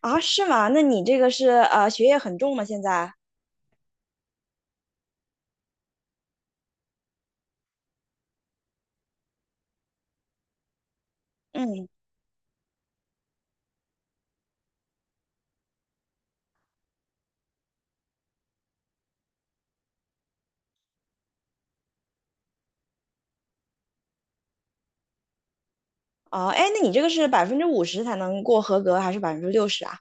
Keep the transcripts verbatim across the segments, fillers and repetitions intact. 啊，是吗？那你这个是呃学业很重吗？现在？嗯，哦，哎，那你这个是百分之五十才能过合格，还是百分之六十啊？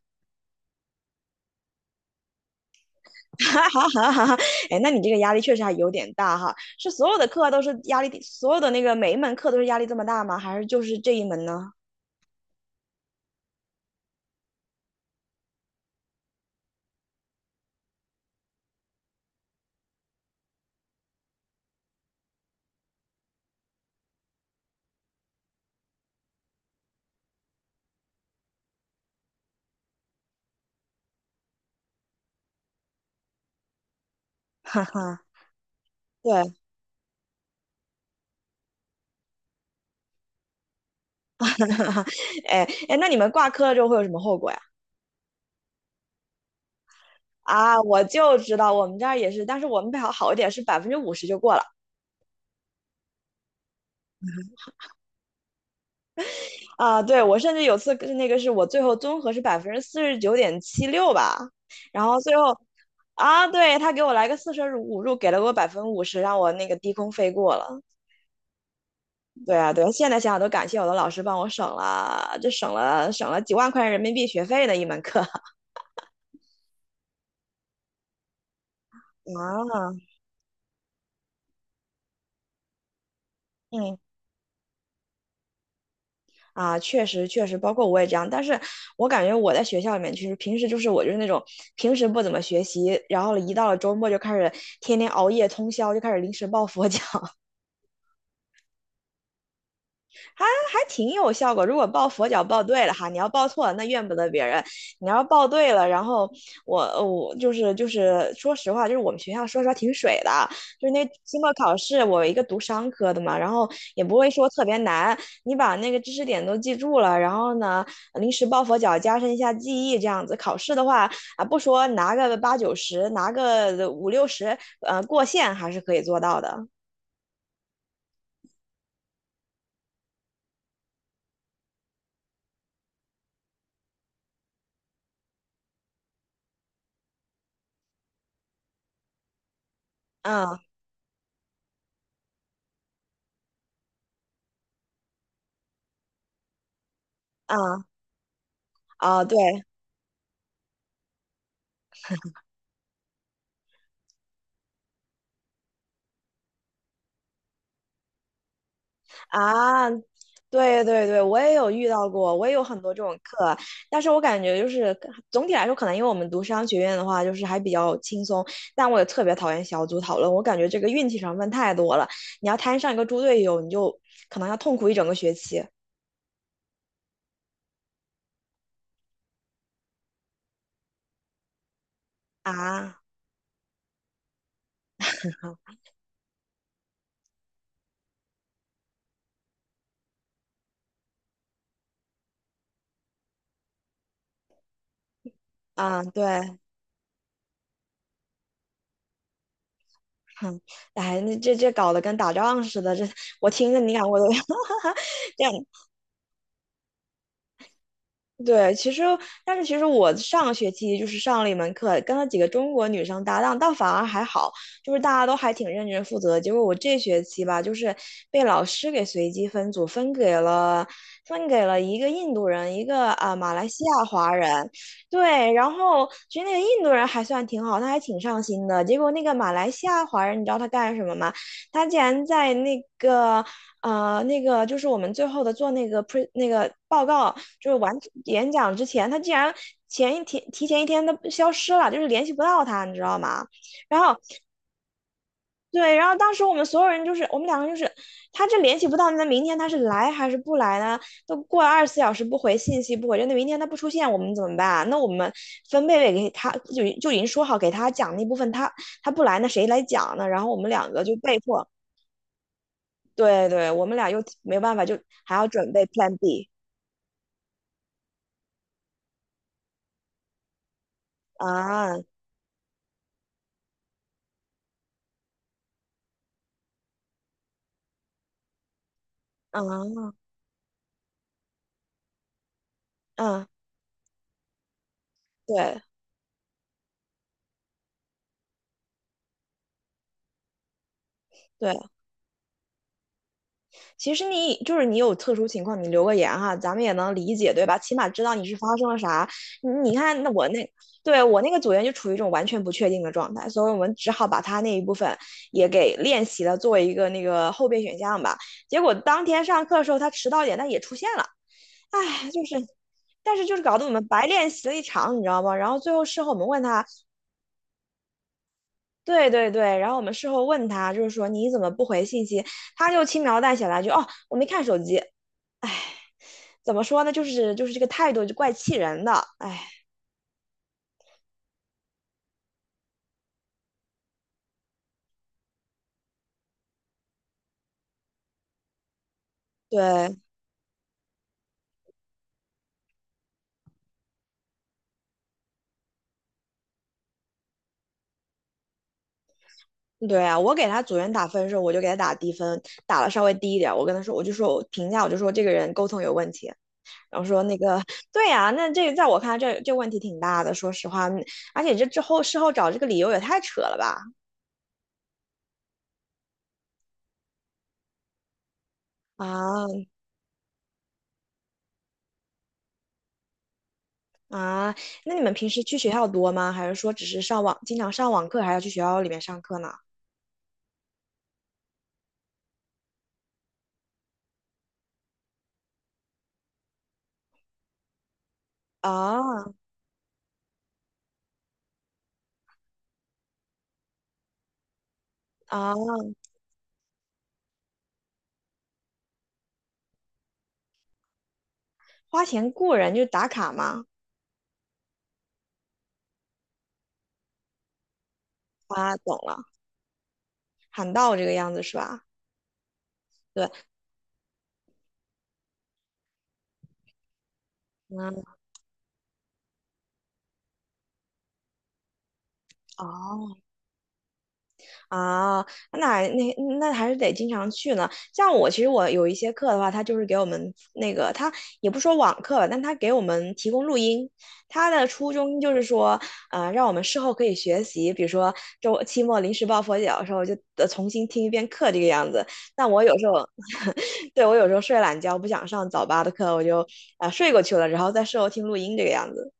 哈哈哈哈哈！哎，那你这个压力确实还有点大哈。是所有的课都是压力，所有的那个每一门课都是压力这么大吗？还是就是这一门呢？哈哈，对，哈哈哈，哎哎，那你们挂科了之后会有什么后果呀？啊，我就知道我们这儿也是，但是我们比较好一点，是百分之五十就过了。啊，对，我甚至有次跟那个是我最后综合是百分之四十九点七六吧，然后最后啊，对，他给我来个四舍五入，给了我百分之五十，让我那个低空飞过了。对啊，对啊，现在想想都感谢我的老师帮我省了，这省了省了几万块人民币学费的一门课 啊，嗯。啊，确实确实，包括我也这样，但是我感觉我在学校里面，其实平时就是我就是那种平时不怎么学习，然后一到了周末就开始天天熬夜通宵，就开始临时抱佛脚。还还挺有效果。如果抱佛脚抱对了哈，你要抱错了那怨不得别人。你要抱对了，然后我我就是就是说实话，就是我们学校说实话挺水的，就是那期末考试，我一个读商科的嘛，然后也不会说特别难，你把那个知识点都记住了，然后呢临时抱佛脚，加深一下记忆，这样子考试的话啊，不说拿个八九十，拿个五六十，呃，过线还是可以做到的。嗯嗯啊，对。啊，对对对，我也有遇到过，我也有很多这种课，但是我感觉就是总体来说，可能因为我们读商学院的话，就是还比较轻松，但我也特别讨厌小组讨论，我感觉这个运气成分太多了，你要摊上一个猪队友，你就可能要痛苦一整个学期啊嗯啊，对，哼，哎，那这这搞得跟打仗似的，这我听着你感我都要 这样，对，其实但是其实我上个学期就是上了一门课，跟了几个中国女生搭档，倒反而还好，就是大家都还挺认真负责。结果我这学期吧，就是被老师给随机分组，分给了分给了一个印度人，一个啊、马来西亚华人。对，然后其实那个印度人还算挺好，他还挺上心的。结果那个马来西亚华人，你知道他干什么吗？他竟然在那个啊、那个就是我们最后的做那个 pre 那个报告，就是完演讲之前，他竟然前一天提前一天都消失了，就是联系不到他，你知道吗？然后对，然后当时我们所有人就是我们两个就是，他这联系不到，那明天他是来还是不来呢？都过了二十四小时不回信息不回，那明天他不出现，我们怎么办啊？那我们分贝贝给他就就已经说好给他讲那部分，他他不来，那谁来讲呢？然后我们两个就被迫。对对，我们俩又没办法，就还要准备 Plan B 啊，嗯嗯，对对。其实你就是你有特殊情况，你留个言哈，咱们也能理解，对吧？起码知道你是发生了啥。你你看，那我那对，我那个组员就处于一种完全不确定的状态，所以我们只好把他那一部分也给练习了，作为一个那个后备选项吧。结果当天上课的时候，他迟到点，但也出现了。哎，就是，但是就是搞得我们白练习了一场，你知道吗？然后最后事后我们问他。对对对，然后我们事后问他，就是说你怎么不回信息？他就轻描淡写来句哦，我没看手机。哎，怎么说呢？就是就是这个态度就怪气人的。哎，对对啊，我给他组员打分的时候，我就给他打低分，打了稍微低一点。我跟他说，我就说我评价，我就说这个人沟通有问题。然后说那个，对呀、啊那这个在我看来这这问题挺大的，说实话，嗯而且这之后事后找这个理由也太扯了吧？啊，啊，那你们平时去学校多吗？还是说只是上网，经常上网课，还要去学校里面上课呢？啊啊，花钱雇人就是打卡嘛。啊，懂了，喊到这个样子是吧？对，嗯，哦，啊，那那那还是得经常去呢。像我，其实我有一些课的话，他就是给我们那个，他也不说网课吧，但他给我们提供录音。他的初衷就是说，呃，让我们事后可以学习，比如说周期末临时抱佛脚的时候，就得重新听一遍课这个样子。但我有时候，对，我有时候睡懒觉，不想上早八的课，我就啊、呃睡过去了，然后在事后听录音这个样子。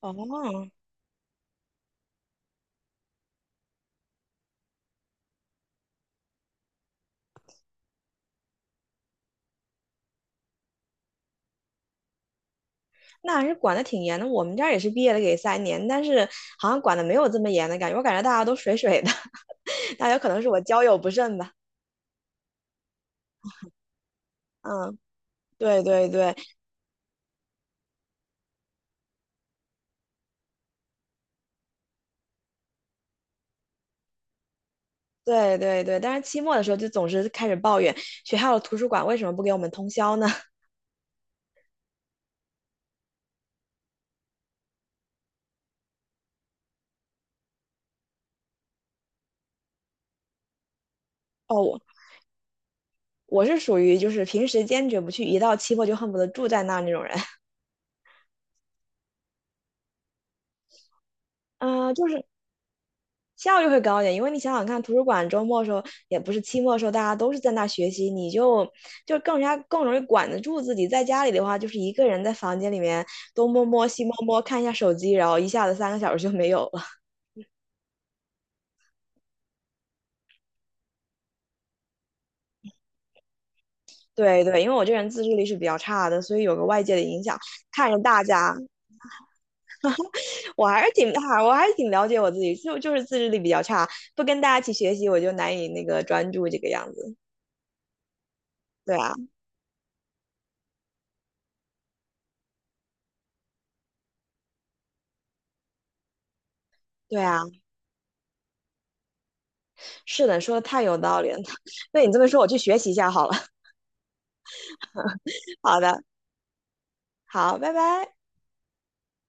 哦，那还是管的挺严的。我们这儿也是毕业了给三年，但是好像管的没有这么严的感觉。我感觉大家都水水的，大家可能是我交友不慎吧。嗯，对对对对对对。但是期末的时候就总是开始抱怨学校的图书馆为什么不给我们通宵呢？哦，我我是属于就是平时坚决不去，一到期末就恨不得住在那儿那种人。嗯，就是效率会高一点，因为你想想看，图书馆周末的时候，也不是期末的时候，大家都是在那学习，你就就更加更容易管得住自己。在家里的话，就是一个人在房间里面东摸摸西摸摸，看一下手机，然后一下子三个小时就没有了。对对，因为我这人自制力是比较差的，所以有个外界的影响，看着大家，我还是挺还 我还是挺了解我自己，就就是自制力比较差，不跟大家一起学习，我就难以那个专注这个样子。对啊，对啊，是的，说的太有道理了。被你这么说，我去学习一下好了。好的，好，拜拜。